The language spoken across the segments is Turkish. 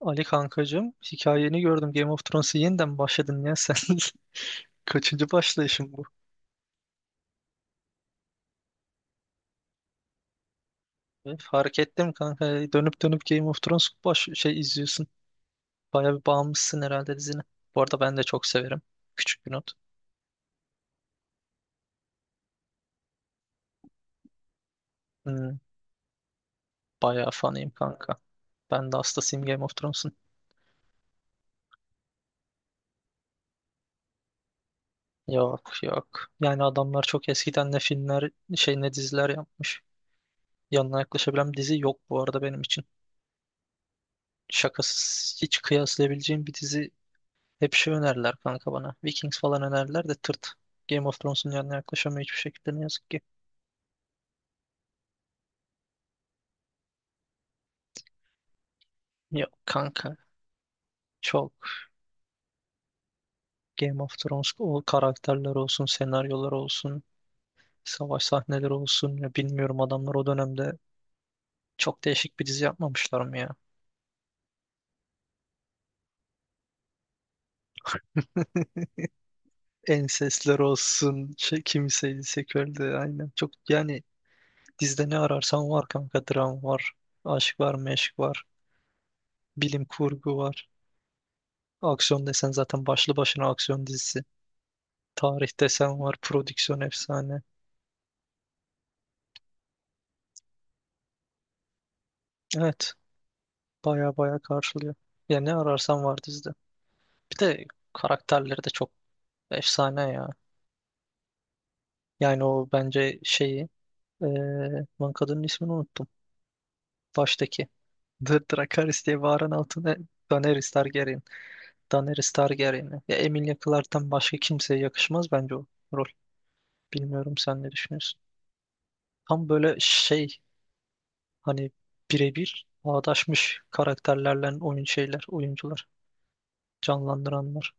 Ali kankacığım, hikayeni gördüm. Game of Thrones'a yeniden başladın ya sen. Kaçıncı başlayışın bu? Fark ettim kanka. Dönüp dönüp Game of Thrones baş şey izliyorsun. Baya bir bağımlısın herhalde dizine. Bu arada ben de çok severim. Küçük bir not. Hmm, bayağı fanıyım kanka. Ben de hastasıyım Game of Thrones'un. Yok, yok. Yani adamlar çok eskiden ne filmler, ne diziler yapmış. Yanına yaklaşabilen bir dizi yok bu arada benim için. Şakasız, hiç kıyaslayabileceğim bir dizi. Hep önerdiler kanka bana. Vikings falan önerdiler de tırt. Game of Thrones'un yanına yaklaşamıyor hiçbir şekilde ne yazık ki. Yok kanka çok Game of Thrones, o karakterler olsun, senaryolar olsun, savaş sahneleri olsun. Ya bilmiyorum, adamlar o dönemde çok değişik bir dizi yapmamışlar mı ya? Ensesler olsun, kimiseydi seköldü aynen. Çok yani, dizide ne ararsan var kanka. Dram var, aşk var, meşk var, bilim kurgu var. Aksiyon desen zaten başlı başına aksiyon dizisi. Tarih desen var, prodüksiyon efsane. Evet, baya baya karşılıyor. Ya ne ararsan var dizide. Bir de karakterleri de çok efsane ya. Yani o bence şeyi, lan kadının ismini unuttum. Baştaki. Dracarys diye bağıran, Daenerys Targaryen. Daenerys Targaryen'i. Ya Emilia Clarke'tan başka kimseye yakışmaz bence o rol. Bilmiyorum, sen ne düşünüyorsun? Tam böyle, hani birebir bağdaşmış karakterlerle, oyuncular. Canlandıranlar.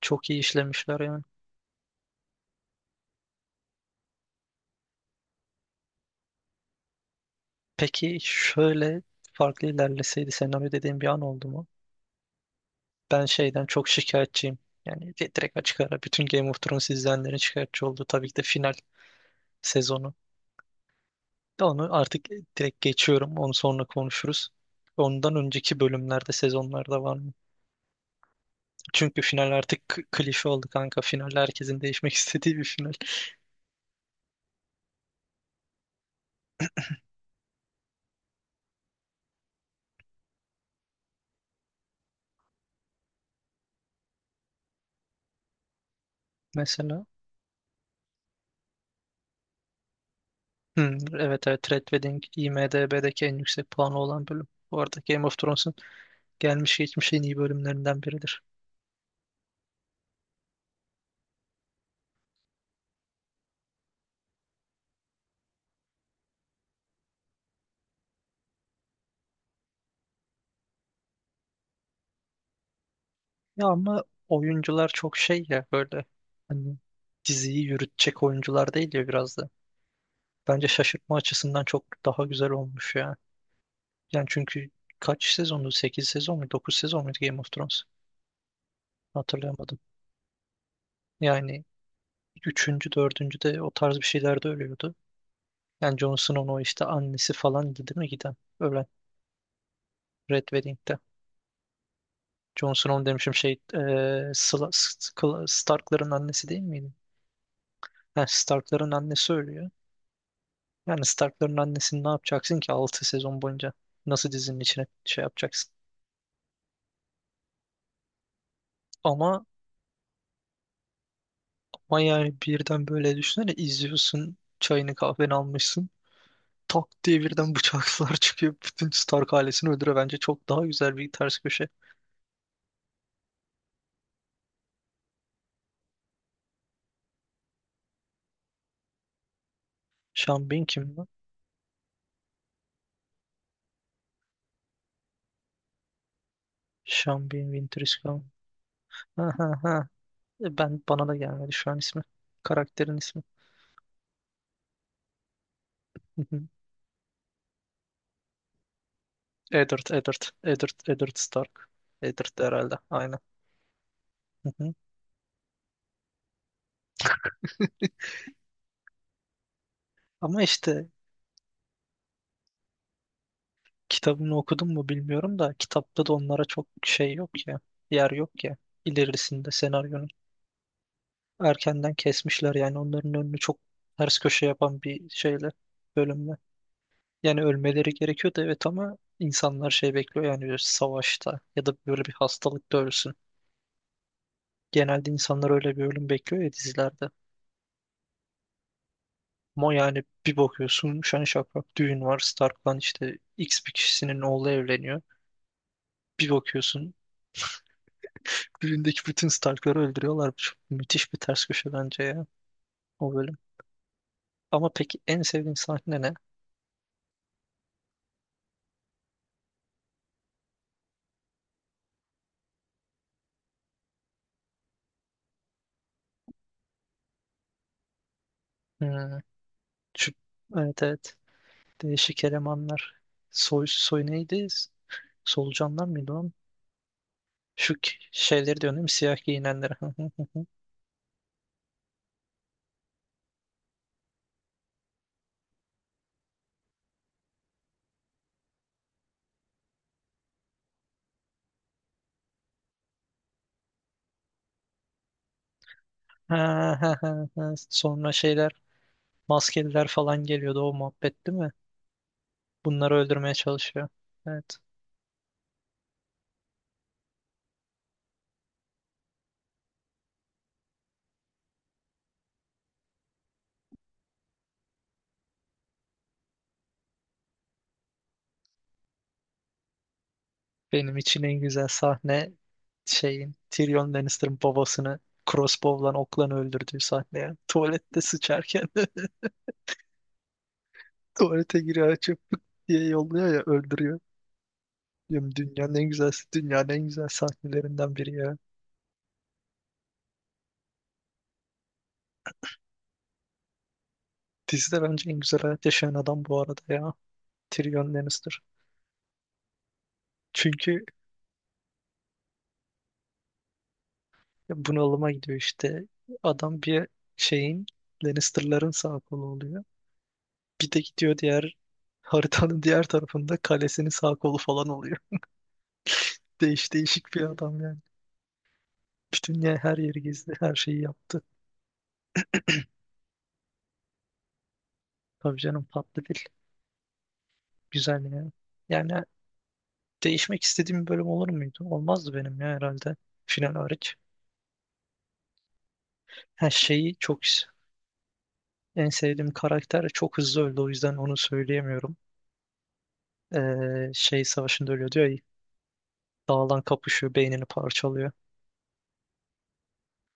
Çok iyi işlemişler yani. Peki şöyle, farklı ilerleseydi senaryo dediğim bir an oldu mu? Ben şeyden çok şikayetçiyim. Yani, direkt açık ara bütün Game of Thrones izleyenlerin şikayetçi olduğu tabii ki de final sezonu. Onu artık direkt geçiyorum. Onu sonra konuşuruz. Ondan önceki bölümlerde, sezonlarda var mı? Çünkü final artık klişe oldu kanka. Final, herkesin değişmek istediği bir final. Mesela. Hmm, evet, evet, Red Wedding IMDb'deki en yüksek puanı olan bölüm. Bu arada Game of Thrones'un gelmiş geçmiş en iyi bölümlerinden biridir. Ya ama oyuncular çok şey ya böyle, hani diziyi yürütecek oyuncular değil ya biraz da. Bence şaşırtma açısından çok daha güzel olmuş ya. Yani çünkü kaç sezondu? 8 sezon mu? 9 sezon muydu Game of Thrones? Hatırlayamadım. Yani üçüncü, dördüncü de o tarz bir şeyler de ölüyordu. Yani Jon Snow'un o işte annesi falan değil mi giden? Ölen Red Wedding'de. Jon Snow demişim, Stark'ların annesi değil miydi? Yani Stark'ların annesi ölüyor. Yani Stark'ların annesini ne yapacaksın ki 6 sezon boyunca? Nasıl dizinin içine şey yapacaksın? Ama, ama yani birden böyle düşünsene, izliyorsun, çayını kahveni almışsın. Tak diye birden bıçaklar çıkıyor. Bütün Stark ailesini öldürüyor. Bence çok daha güzel bir ters köşe. Sean Bean kim lan? Sean Bean Winter is Coming. Ha, ha, ha. Ben, bana da gelmedi şu an ismi. Karakterin ismi. Hı hı. Eddard, Eddard, Eddard, Eddard Stark. Eddard herhalde. Aynen. Hı hı. Ama işte. Kitabını okudun mu bilmiyorum da, kitapta da onlara çok şey yok ya. Yer yok ya. İlerisinde senaryonun. Erkenden kesmişler yani onların önünü, çok ters köşe yapan bir şeyle, bölümle. Yani ölmeleri gerekiyordu, evet, ama insanlar şey bekliyor yani, bir savaşta ya da böyle bir hastalıkta ölsün. Genelde insanlar öyle bir ölüm bekliyor ya dizilerde. Ama yani bir bakıyorsun, şen şakrak düğün var, Stark'tan işte X bir kişisinin oğlu evleniyor. Bir bakıyorsun, düğündeki bütün Stark'ları öldürüyorlar. Çok müthiş bir ters köşe bence ya o bölüm. Ama peki en sevdiğin sahne ne? Hmm, şu, evet, evet. Değişik elemanlar. Soy neydi? Solucanlar mıydı lan? Şeyleri diyorum değil mi? Siyah giyinenler. Ha, ha, ha, ha. Sonra şeyler, maskeliler falan geliyordu o muhabbet değil mi? Bunları öldürmeye çalışıyor. Evet. Benim için en güzel sahne Tyrion Lannister'ın babasını crossbow'lan, oklan öldürdüğü sahne ya. Tuvalette sıçarken, tuvalete giriyor, açıp diye yolluyor ya, öldürüyor. Diyorum, dünyanın en güzel sahnelerinden biri ya. Dizide bence en güzel hayat yaşayan adam bu arada ya. Tyrion Lannister. Çünkü bunalıma gidiyor işte. Adam bir şeyin Lannister'ların sağ kolu oluyor. Bir de gidiyor diğer, haritanın diğer tarafında kalesinin sağ kolu falan oluyor. Değişik bir adam yani. Bütün dünya, her yeri gezdi, her şeyi yaptı. Tabii canım, tatlı dil. Güzel yani. Yani değişmek istediğim bir bölüm olur muydu? Olmazdı benim ya herhalde. Final hariç. Her şeyi çok. En sevdiğim karakter çok hızlı öldü, o yüzden onu söyleyemiyorum. Savaşında ölüyor diyor ya. Dağlan kapışıyor, beynini parçalıyor.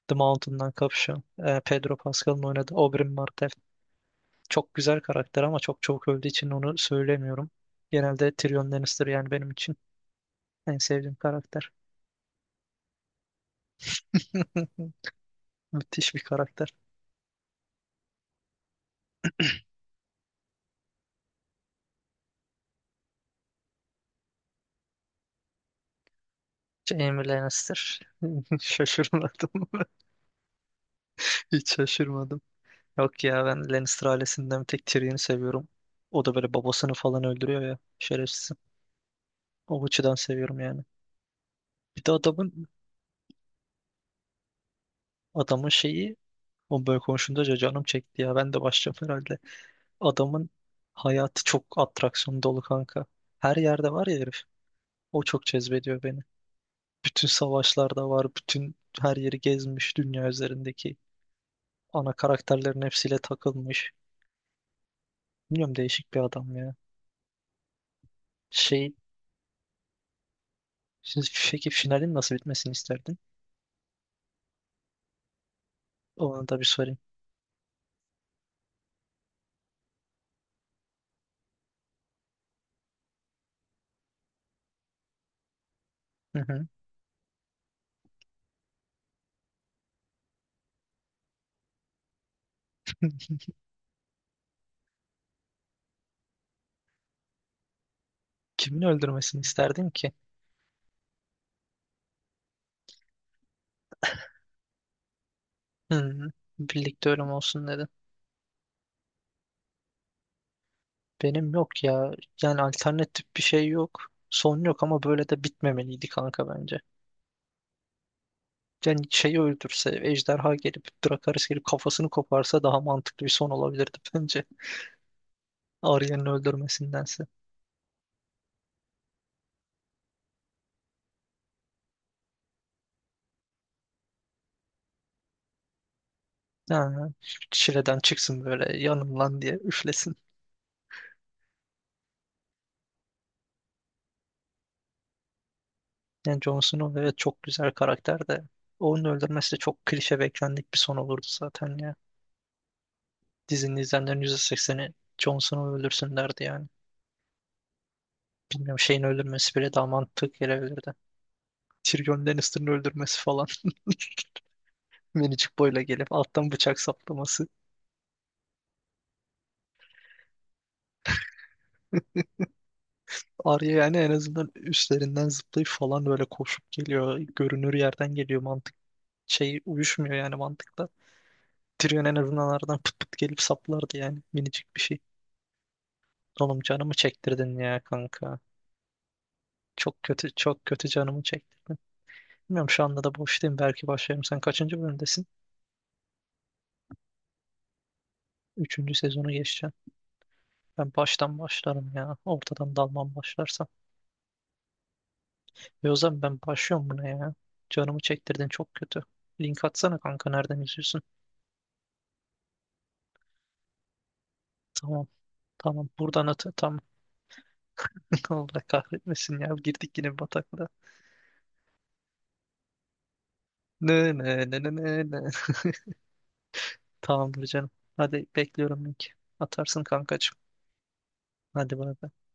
The Mountain'dan kapışıyor. Pedro Pascal'ın oynadığı Oberyn Martell. Çok güzel karakter ama çok çok öldüğü için onu söylemiyorum. Genelde Tyrion Lannister yani benim için en sevdiğim karakter. Müthiş bir karakter. Jaime Lannister. Şaşırmadım. Hiç şaşırmadım. Yok ya, ben Lannister ailesinden bir tek Tyrion'u seviyorum. O da böyle babasını falan öldürüyor ya. Şerefsiz. O açıdan seviyorum yani. Bir de adamın şeyi, o böyle konuşunca canım çekti ya. Ben de başlayacağım herhalde. Adamın hayatı çok atraksiyon dolu kanka. Her yerde var ya herif. O çok cezbediyor beni. Bütün savaşlarda var. Bütün, her yeri gezmiş. Dünya üzerindeki ana karakterlerin hepsiyle takılmış. Bilmiyorum, değişik bir adam ya. Şey, şimdi peki finalin nasıl bitmesini isterdin? Onu da bir sorayım. Hı hı. Kimin öldürmesini isterdin ki? Hı, birlikte ölüm olsun dedim. Benim yok ya. Yani alternatif bir şey yok. Son yok, ama böyle de bitmemeliydi kanka bence. Yani şeyi öldürse, ejderha gelip, Drakaris gelip kafasını koparsa daha mantıklı bir son olabilirdi bence. Arya'nın öldürmesindense. Ha, çileden çıksın böyle, yanımlan diye üflesin. Yani Jon Snow, evet, çok güzel karakter de onun öldürmesi de çok klişe, beklendik bir son olurdu zaten ya. Dizinin izleyenlerin %80'i Jon Snow öldürsün derdi yani. Bilmiyorum, şeyin öldürmesi bile daha mantıklı gelebilirdi. Tyrion Lannister'ın öldürmesi falan. Minicik boyla gelip alttan bıçak saplaması. Arya yani en azından üstlerinden zıplayıp falan, böyle koşup geliyor. Görünür yerden geliyor, mantık. Şey uyuşmuyor yani mantıkla. Tyrion en azından aradan pıt pıt gelip saplardı yani. Minicik bir şey. Oğlum canımı çektirdin ya kanka. Çok kötü, çok kötü canımı çektirdin. Bilmiyorum, şu anda da boştayım. Belki başlarım. Sen kaçıncı bölümdesin? Üçüncü sezonu geçeceğim. Ben baştan başlarım ya. Ortadan dalmam başlarsam. E, o zaman ben başlıyorum buna ya. Canımı çektirdin çok kötü. Link atsana kanka, nereden izliyorsun? Tamam, tamam, buradan at. Tamam. Allah kahretmesin ya. Girdik yine bataklığa. Ne, ne, ne, ne, ne, ne. Tamamdır canım. Hadi, bekliyorum linki. Atarsın kankacığım. Hadi bay bay.